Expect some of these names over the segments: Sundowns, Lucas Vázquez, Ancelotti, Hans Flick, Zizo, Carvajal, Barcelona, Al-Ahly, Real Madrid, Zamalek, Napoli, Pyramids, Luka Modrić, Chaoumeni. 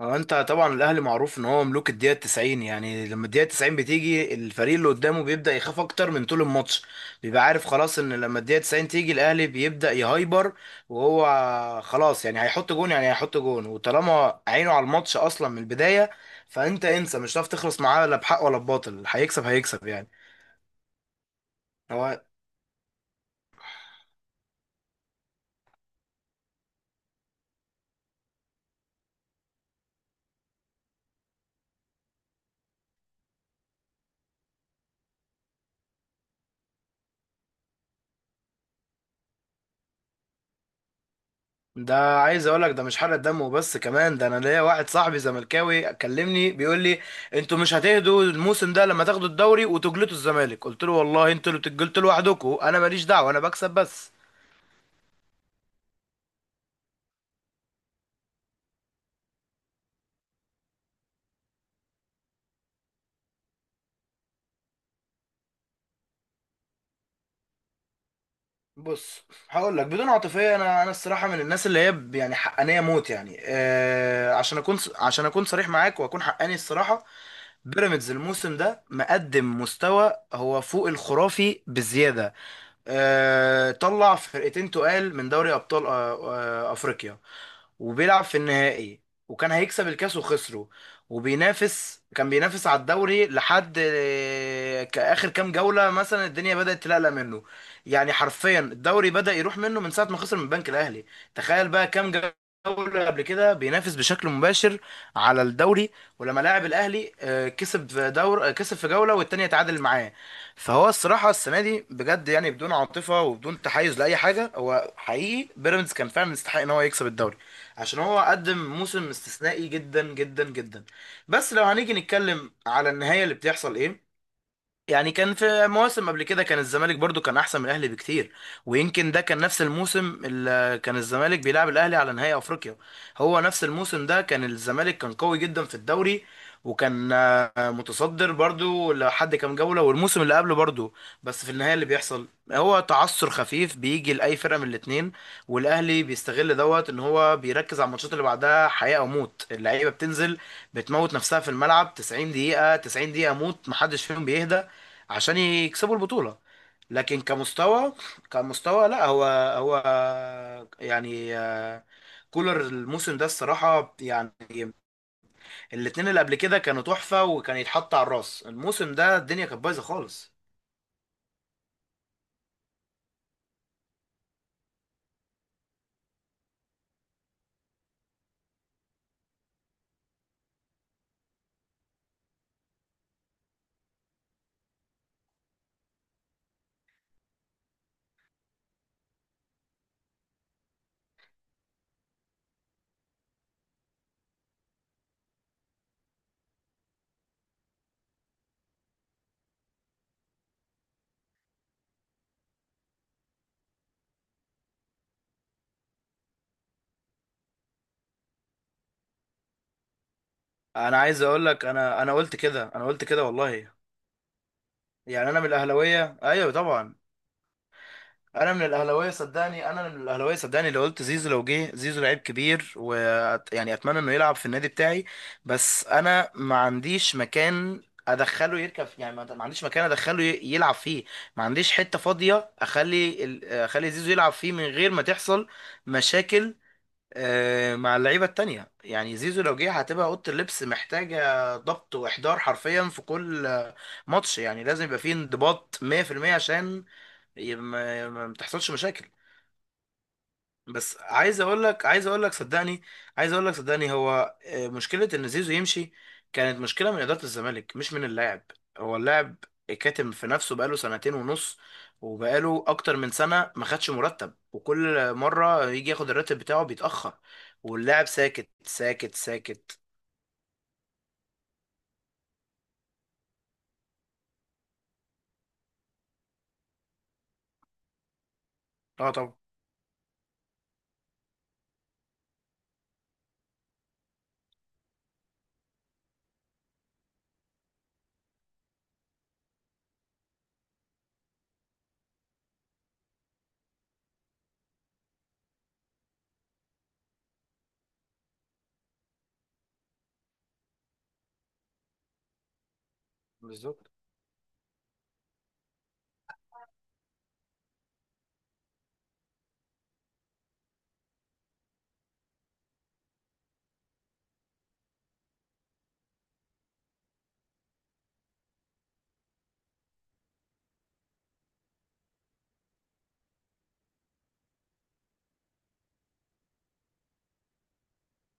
اه، انت طبعا الاهلي معروف ان هو ملوك الدقيقه 90. يعني لما الدقيقه 90 بتيجي، الفريق اللي قدامه بيبدا يخاف اكتر من طول الماتش. بيبقى عارف خلاص ان لما الدقيقه 90 تيجي الاهلي بيبدا يهايبر، وهو خلاص يعني هيحط جون، يعني هيحط جون، وطالما عينه على الماتش اصلا من البدايه فانت انسى، مش هتعرف تخلص معاه لا بحق ولا بباطل، هيكسب يعني. هو ده، عايز اقول لك ده مش حرق دم وبس، كمان ده انا ليا واحد صاحبي زملكاوي كلمني بيقول لي انتوا مش هتهدوا الموسم ده لما تاخدوا الدوري وتجلطوا الزمالك. قلت له والله انتوا اللي بتجلطوا لوحدكم، انا ماليش دعوه، انا بكسب بس. بص، هقول لك بدون عاطفيه، انا الصراحه من الناس اللي هي يعني حقانيه موت، يعني آه، عشان اكون عشان اكون صريح معاك واكون حقاني الصراحه. بيراميدز الموسم ده مقدم مستوى هو فوق الخرافي بزياده. طلع فرقتين تقال من دوري ابطال، افريقيا، وبيلعب في النهائي، وكان هيكسب الكاس وخسره، وبينافس كان بينافس على الدوري لحد اخر كام جولة. مثلا الدنيا بدأت تلقلق منه، يعني حرفيا الدوري بدأ يروح منه من ساعة ما خسر من البنك الاهلي. تخيل بقى كام جولة قبل كده بينافس بشكل مباشر على الدوري، ولما لاعب الاهلي كسب في دور كسب في جولة والتانية تعادل معاه. فهو الصراحه السنه دي بجد، يعني بدون عاطفه وبدون تحيز لاي حاجه، هو حقيقي بيراميدز كان فعلا يستحق ان هو يكسب الدوري، عشان هو قدم موسم استثنائي جدا جدا جدا. بس لو هنيجي نتكلم على النهايه اللي بتحصل ايه، يعني كان في مواسم قبل كده كان الزمالك برضو كان احسن من الاهلي بكتير، ويمكن ده كان نفس الموسم اللي كان الزمالك بيلعب الاهلي على نهائي افريقيا. هو نفس الموسم ده كان الزمالك كان قوي جدا في الدوري، وكان متصدر برضو لحد كام جولة، والموسم اللي قبله برضو. بس في النهاية اللي بيحصل هو تعثر خفيف بيجي لأي فرقة من الاتنين، والأهلي بيستغل دوت إن هو بيركز على الماتشات اللي بعدها حياة أو موت. اللعيبة بتنزل بتموت نفسها في الملعب 90 دقيقة، 90 دقيقة موت، محدش فيهم بيهدى عشان يكسبوا البطولة. لكن كمستوى، كمستوى لا، هو هو يعني كولر الموسم ده الصراحة يعني، الاتنين اللي قبل كده كانوا تحفة وكان يتحط على الراس، الموسم ده الدنيا كانت بايظة خالص. انا عايز اقول لك، انا قلت كده، انا قلت كده والله. يعني انا من الاهلاوية، ايوه طبعا انا من الاهلاويه صدقني، انا من الاهلاويه صدقني، لو قلت زيزو، لو جه زيزو لعيب كبير ويعني اتمنى انه يلعب في النادي بتاعي، بس انا ما عنديش مكان ادخله يركب، يعني ما عنديش مكان ادخله يلعب فيه. ما عنديش حته فاضيه اخلي اخلي زيزو يلعب فيه من غير ما تحصل مشاكل مع اللعيبه التانية. يعني زيزو لو جه هتبقى اوضه اللبس محتاجه ضبط واحضار حرفيا في كل ماتش، يعني لازم يبقى فيه انضباط 100% عشان ما بتحصلش مشاكل. بس عايز اقول لك صدقني، عايز اقول لك صدقني، هو مشكله ان زيزو يمشي كانت مشكله من اداره الزمالك مش من اللاعب. هو اللاعب كاتم في نفسه بقاله سنتين ونص، وبقاله اكتر من سنه ما خدش مرتب، وكل مره يجي ياخد الراتب بتاعه بيتاخر واللاعب ساكت ساكت. اه طبعا. بالظبط.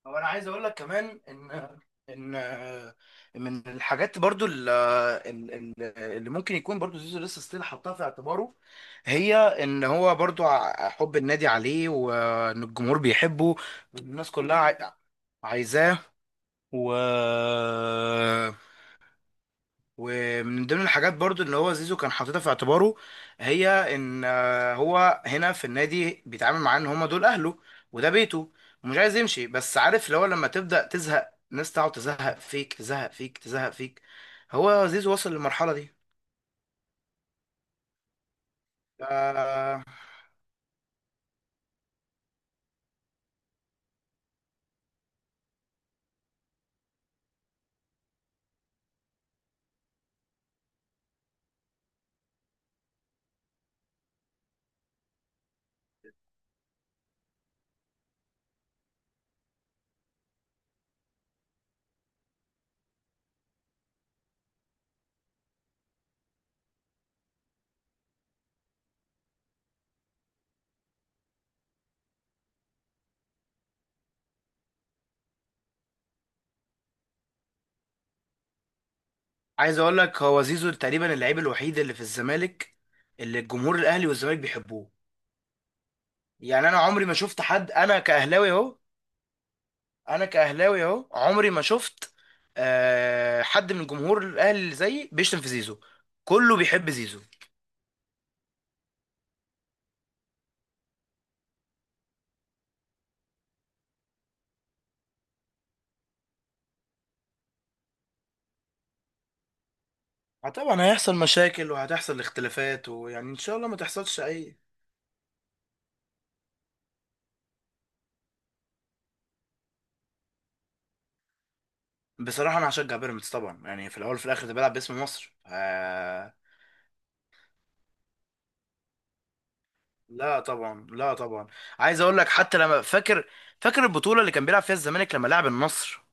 هو انا عايز اقول لك كمان ان من الحاجات برضو ال- اللي ممكن يكون برضو زيزو لسه ستيل حطها في اعتباره، هي ان هو برضو حب النادي عليه وان الجمهور بيحبه، الناس كلها عايزاه. و ومن ضمن الحاجات برضو اللي هو زيزو كان حاططها في اعتباره، هي ان هو هنا في النادي بيتعامل معاه ان هما دول اهله وده بيته، ومش عايز يمشي. بس عارف اللي هو لما تبدأ تزهق ناس تقعد تزهق فيك تزهق فيك، هو زيزو وصل للمرحلة دي. آه، عايز اقول لك هو زيزو تقريبا اللعيب الوحيد اللي في الزمالك اللي الجمهور الاهلي والزمالك بيحبوه. يعني انا عمري ما شفت حد، انا كاهلاوي اهو، انا كاهلاوي اهو عمري ما شفت آه حد من جمهور الاهلي اللي زيي بيشتم في زيزو، كله بيحب زيزو. طبعا هيحصل مشاكل وهتحصل اختلافات، ويعني ان شاء الله ما تحصلش اي. بصراحة انا هشجع بيراميدز طبعا، يعني في الاول وفي الاخر ده بيلعب باسم مصر، آه. لا طبعا، لا طبعا. عايز اقول لك، حتى لما فاكر، فاكر البطوله اللي كان بيلعب فيها الزمالك لما لعب النصر،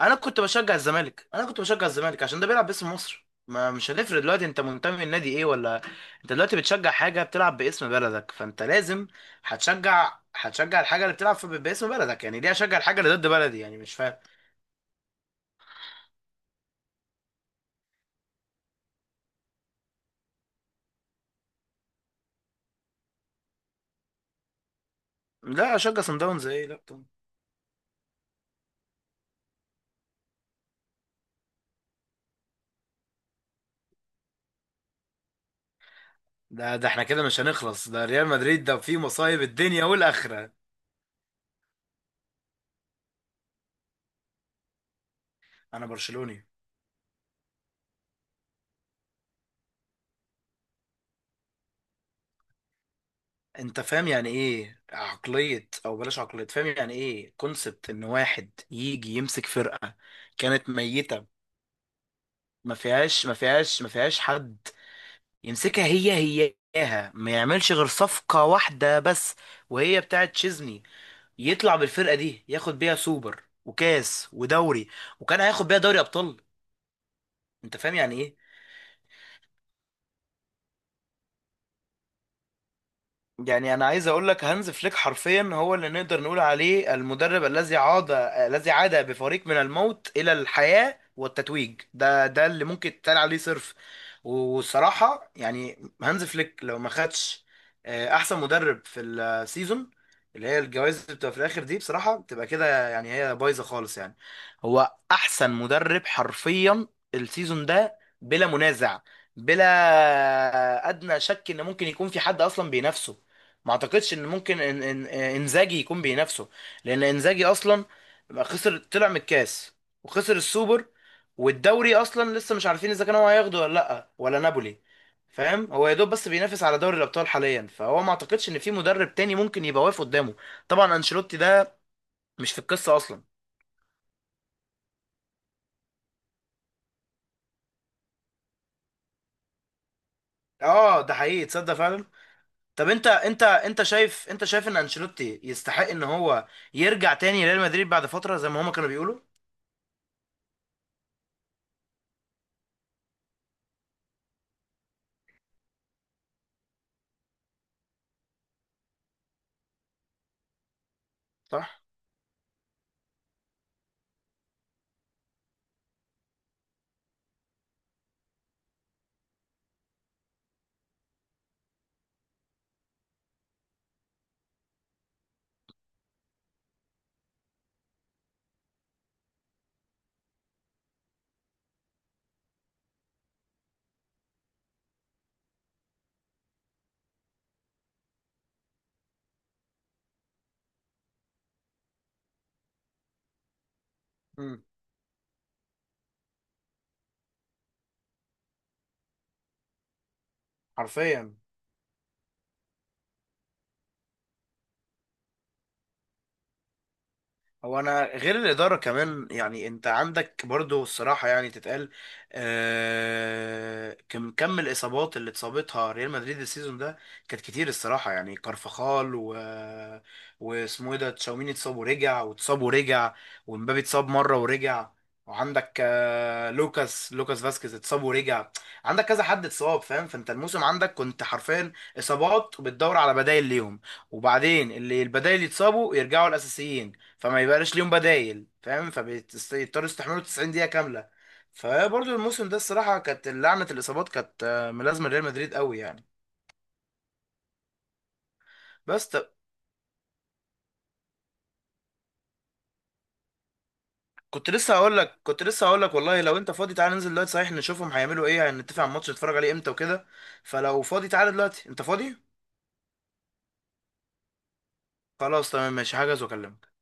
انا كنت بشجع الزمالك عشان ده بيلعب باسم مصر. ما مش هنفرق دلوقتي انت منتمي لنادي ايه ولا. انت دلوقتي بتشجع حاجه بتلعب باسم بلدك، فانت لازم هتشجع الحاجه اللي بتلعب في باسم بلدك، يعني ليه اشجع الحاجه اللي ضد بلدي؟ يعني مش فاهم. لا اشجع صن داونز ايه؟ لا طبعا. ده ده احنا كده مش هنخلص، ده ريال مدريد ده فيه مصايب الدنيا والاخره. انا برشلوني. انت فاهم يعني ايه عقلية، او بلاش عقلية، فاهم يعني ايه كونسبت ان واحد يجي يمسك فرقة كانت ميتة، ما فيهاش حد يمسكها، هي هياها ما يعملش غير صفقة واحدة بس وهي بتاعت تشيزني، يطلع بالفرقة دي ياخد بيها سوبر وكاس ودوري، وكان هياخد بيها دوري ابطال. انت فاهم يعني ايه؟ يعني انا عايز اقول لك هانز فليك حرفيا هو اللي نقدر نقول عليه المدرب الذي عاد، الذي عاد بفريق من الموت الى الحياة والتتويج، ده ده اللي ممكن يتقال عليه صرف. والصراحة يعني هانز فليك لو ما خدش احسن مدرب في السيزون، اللي هي الجوائز اللي بتبقى في الاخر دي، بصراحة بتبقى كده يعني هي بايظة خالص يعني. هو احسن مدرب حرفيا السيزون ده بلا منازع، بلا ادنى شك ان ممكن يكون في حد اصلا بينافسه. ما اعتقدش ان ممكن إن انزاجي يكون بينافسه، لان انزاجي اصلا خسر، طلع من الكاس وخسر السوبر، والدوري اصلا لسه مش عارفين اذا كان هو هياخده ولا لا، ولا نابولي. فاهم هو يا دوب بس بينافس على دوري الابطال حاليا، فهو ما اعتقدش ان في مدرب تاني ممكن يبقى واقف قدامه. طبعا انشيلوتي ده مش في القصه اصلا. اه ده حقيقي، تصدق فعلا. طب انت، انت شايف، انت شايف ان انشيلوتي يستحق ان هو يرجع تاني ريال مدريد بعد فتره زي ما هما كانوا بيقولوا؟ صح. امم، حرفيا. هو انا غير الاداره كمان، يعني انت عندك برضو الصراحه يعني تتقال، آه كم كم الاصابات اللي اتصابتها ريال مدريد السيزون ده، كانت كتير الصراحه. يعني كارفخال واسمه ايه ده تشاوميني، اتصاب ورجع. ومبابي اتصاب مره ورجع، وعندك آه لوكاس فاسكيز اتصاب ورجع. عندك كذا حد اتصاب، فاهم؟ فانت الموسم عندك كنت حرفيا اصابات وبتدور على بدائل ليهم، وبعدين اللي البدائل يتصابوا يرجعوا الاساسيين، فما يبقاش ليهم بدايل. فاهم، فبيضطروا يستحملوا 90 دقيقة كاملة. فبرضه الموسم ده الصراحة كانت لعنة الإصابات كانت ملازمة ريال مدريد قوي يعني. بس طب، كنت لسه هقول لك، كنت لسه هقول لك والله، لو انت فاضي تعالى ننزل دلوقتي صحيح، نشوفهم هيعملوا ايه، هنتفق على الماتش نتفرج عليه امتى وكده. فلو فاضي تعالى دلوقتي، انت فاضي؟ خلاص تمام، ماشي، هحجز واكلمك.